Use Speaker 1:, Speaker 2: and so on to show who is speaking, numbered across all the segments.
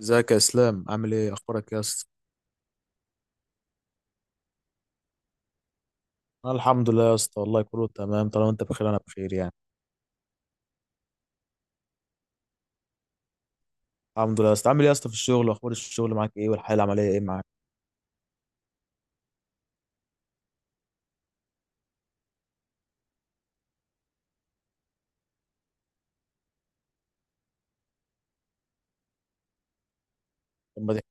Speaker 1: ازيك يا اسلام؟ عامل ايه؟ اخبارك يا اسطى؟ انا الحمد لله يا اسطى، والله كله تمام. طالما انت بخير انا بخير يعني. الحمد لله يا اسطى. عامل ايه يا اسطى في الشغل؟ واخبار الشغل معاك ايه؟ والحياه العمليه ايه معاك؟ طب ما تحكي.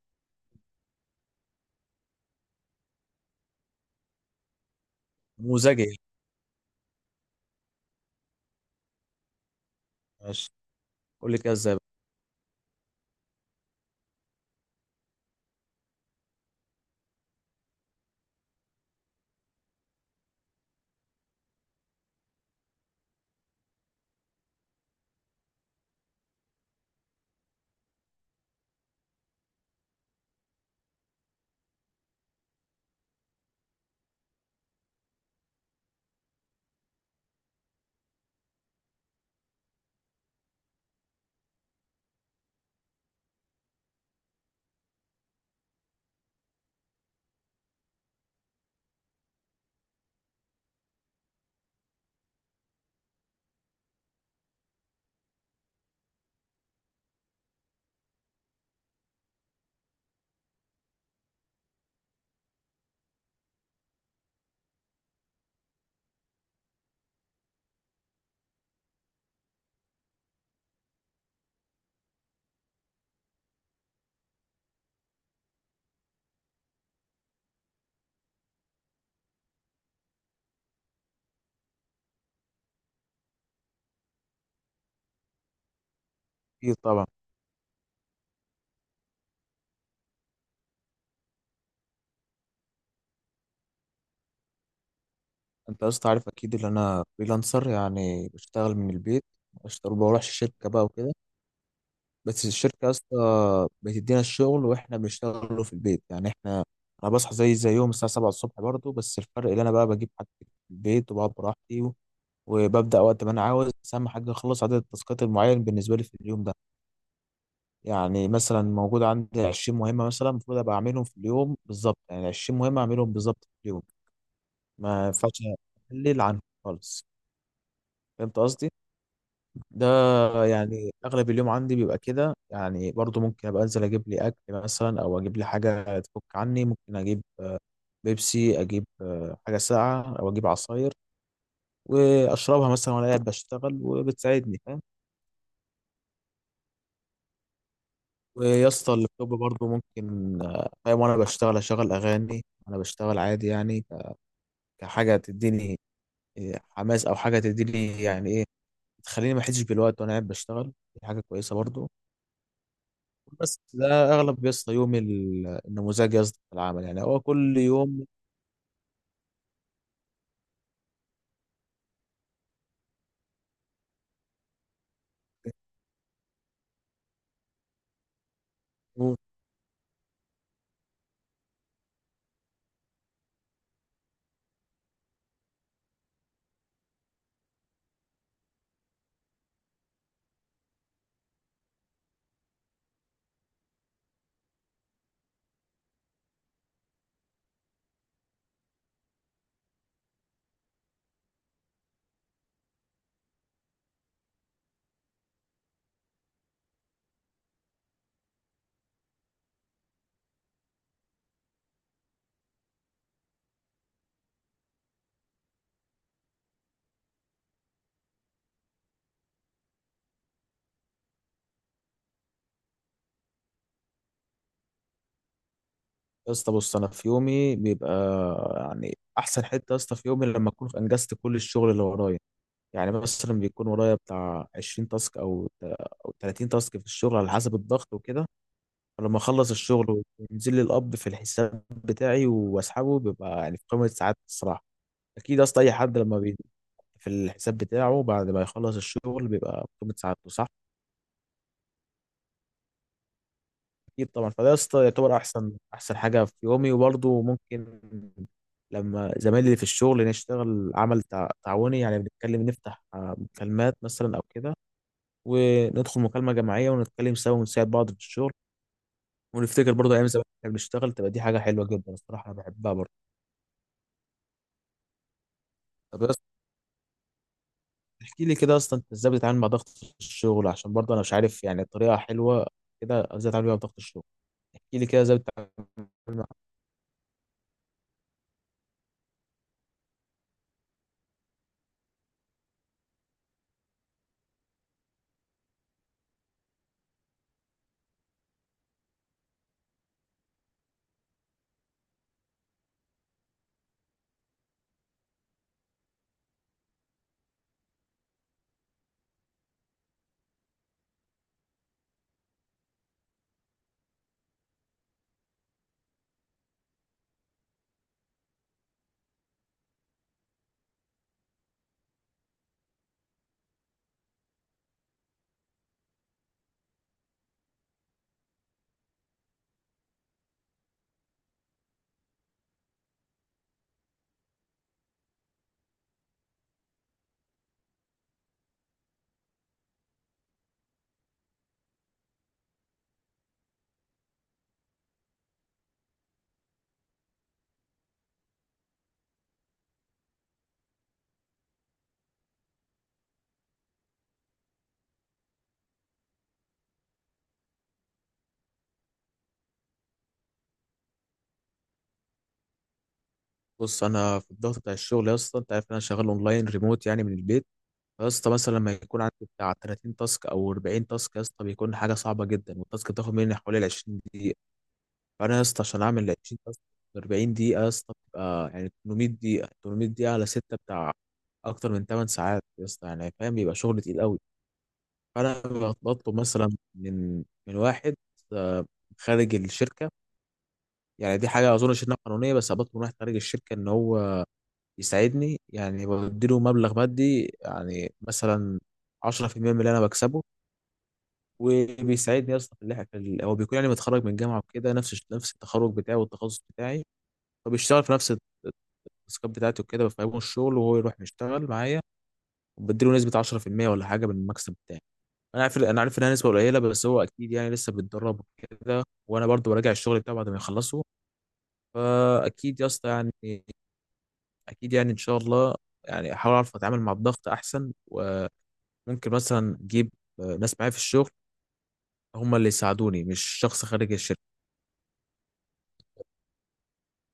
Speaker 1: نموذجي يعني. ماشي. قول لي كده ازاي بقى. اكيد طبعا. انت يا اسطى عارف اكيد ان انا فريلانسر، يعني بشتغل من البيت. بشتغل ما بروحش الشركه بقى وكده. بس الشركه يا اسطى بتدينا الشغل واحنا بنشتغله في البيت، يعني احنا انا بصحى زي يوم الساعه 7 الصبح برضه. بس الفرق اللي انا بقى بجيب حاجتي في البيت وبقعد براحتي، وببدأ وقت ما أنا عاوز. بس أهم حاجة أخلص عدد التاسكات المعين بالنسبة لي في اليوم ده. يعني مثلا موجود عندي 20 مهمة مثلا، المفروض أبقى أعملهم في اليوم بالظبط، يعني 20 مهمة أعملهم بالظبط في اليوم. ما ينفعش أقلل عنهم خالص. فهمت قصدي؟ ده يعني أغلب اليوم عندي بيبقى كده. يعني برضو ممكن أبقى أنزل أجيب لي أكل مثلا أو أجيب لي حاجة تفك عني. ممكن أجيب بيبسي، أجيب حاجة ساقعة أو أجيب عصاير وأشربها مثلا وأنا قاعد بشتغل وبتساعدني. ويا اسطى اللابتوب برضه ممكن، فاهم، وانا بشتغل اشغل اغاني. انا بشتغل عادي يعني كحاجه تديني حماس او حاجه تديني يعني ايه، تخليني ما احسش بالوقت وانا قاعد بشتغل. دي حاجه كويسه برضه. بس ده اغلب يا اسطى يومي النموذجي يا اسطى في العمل، يعني هو كل يوم يوم- يا اسطى. بص انا في يومي بيبقى، يعني احسن حته يا اسطى في يومي لما اكون انجزت كل الشغل اللي ورايا. يعني مثلا بيكون ورايا بتاع 20 تاسك او 30 تاسك في الشغل على حسب الضغط وكده. لما اخلص الشغل وينزل لي القبض في الحساب بتاعي واسحبه، بيبقى يعني في قمه السعاده الصراحه. اكيد اصلا اي حد لما في الحساب بتاعه بعد ما يخلص الشغل بيبقى في قمه سعادته، صح؟ اكيد طبعا. فده يا اسطى يعتبر احسن احسن حاجه في يومي. وبرضه ممكن لما زمايلي اللي في الشغل نشتغل عمل تعاوني، يعني بنتكلم نفتح مكالمات مثلا او كده، وندخل مكالمه جماعيه ونتكلم سوا ونساعد بعض في الشغل، ونفتكر برضه ايام زمان كنا بنشتغل. تبقى دي حاجه حلوه جدا الصراحه، انا بحبها برضه. طب احكي لي كده اصلا انت ازاي بتتعامل مع ضغط الشغل، عشان برضه انا مش عارف يعني طريقه حلوه كده ازاي اتعامل بيها مع ضغط الشغل. احكي لي كده ازاي بتتعامل مع. بص انا في الضغط بتاع الشغل يا اسطى، انت عارف ان انا شغال اونلاين ريموت، يعني من البيت. يا اسطى مثلا لما يكون عندي بتاع 30 تاسك او 40 تاسك يا اسطى بيكون حاجه صعبه جدا، والتاسك بتاخد مني حوالي ال 20 دقيقه. فانا يا اسطى عشان اعمل ال 20 تاسك، 40 دقيقه يا اسطى بتبقى يعني 800 دقيقه. 800 دقيقه على 6 بتاع اكتر من 8 ساعات يا اسطى، يعني فاهم بيبقى شغل تقيل قوي. انا بطلب مثلا من واحد، آه، خارج الشركه. يعني دي حاجه اظن انها قانونيه، بس بطلب من واحد خارج الشركه ان هو يساعدني، يعني بديله مبلغ مادي يعني مثلا 10% من اللي انا بكسبه. وبيساعدني اصلا في اللي إحنا- في ال- هو بيكون يعني متخرج من جامعه وكده، نفس التخرج بتاعي والتخصص بتاعي، فبيشتغل في نفس التاسكات بتاعتي وكده. بفهمه الشغل وهو يروح يشتغل معايا وبديله نسبه 10% ولا حاجه من المكسب بتاعي. انا عارف انا عارف انها نسبه قليله، بس هو اكيد يعني لسه بيتدرب كده، وانا برضو براجع الشغل بتاعه بعد ما يخلصه. فاكيد يا اسطى يعني، اكيد يعني ان شاء الله يعني احاول اعرف اتعامل مع الضغط احسن. وممكن مثلا اجيب ناس معايا في الشغل، هم اللي يساعدوني مش شخص خارج الشركه.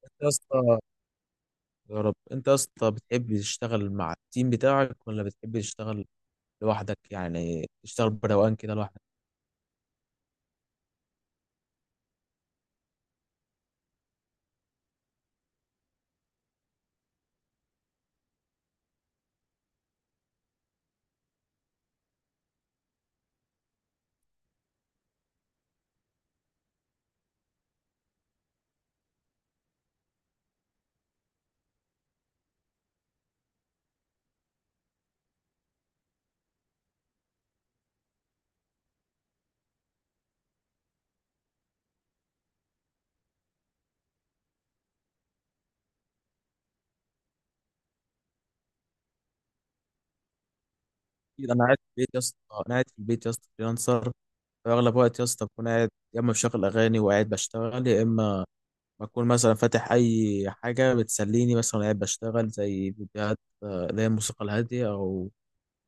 Speaker 1: انت يا اسطى، يا رب. انت يا اسطى بتحب تشتغل مع التيم بتاعك ولا بتحب تشتغل لوحدك؟ يعني تشتغل بروقان كده لوحدك. اكيد انا قاعد في البيت يا اسطى، انا قاعد في البيت يا اسطى فريلانسر. اغلب وقت يا اسطى بكون قاعد يا اما بشغل اغاني وقاعد بشتغل، يا اما بكون مثلا فاتح اي حاجه بتسليني مثلا قاعد بشتغل، زي فيديوهات اللي هي الموسيقى الهاديه او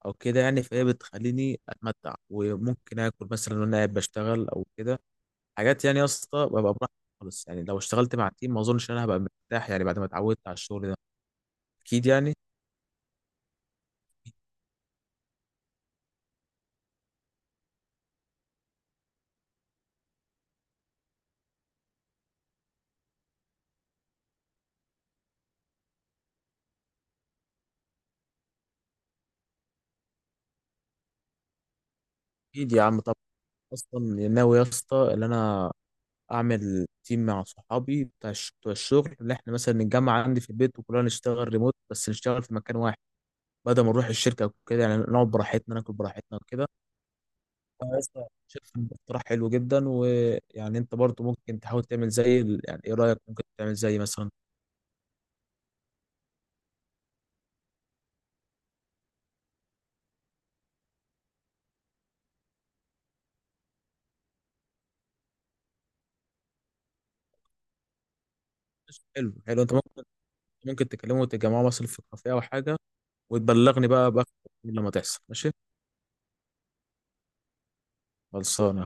Speaker 1: او كده يعني. فهي بتخليني اتمتع وممكن اكل مثلا وانا قاعد بشتغل او كده، حاجات يعني يا اسطى ببقى براحتي خالص. يعني لو اشتغلت مع تيم ما اظنش ان انا هبقى مرتاح يعني، بعد ما اتعودت على الشغل ده. اكيد يعني. اكيد يا عم طبعا. اصلا ناوي يا اسطى ان انا اعمل تيم مع صحابي بتاع بتوع الشغل، اللي احنا مثلا نتجمع عندي في البيت وكلنا نشتغل ريموت، بس نشتغل في مكان واحد بدل ما نروح الشركه وكده، يعني نقعد براحتنا ناكل براحتنا وكده. فأنا لسه شايف إن ده اقتراح حلو جدا. ويعني انت برضو ممكن تحاول تعمل زي يعني ايه رايك؟ ممكن تعمل زي مثلا. حلو حلو انت ممكن، ممكن تكلمه وتتجمعوا مثلا في كافيه او حاجه وتبلغني بقى لما تحصل، ماشي. خلصانه.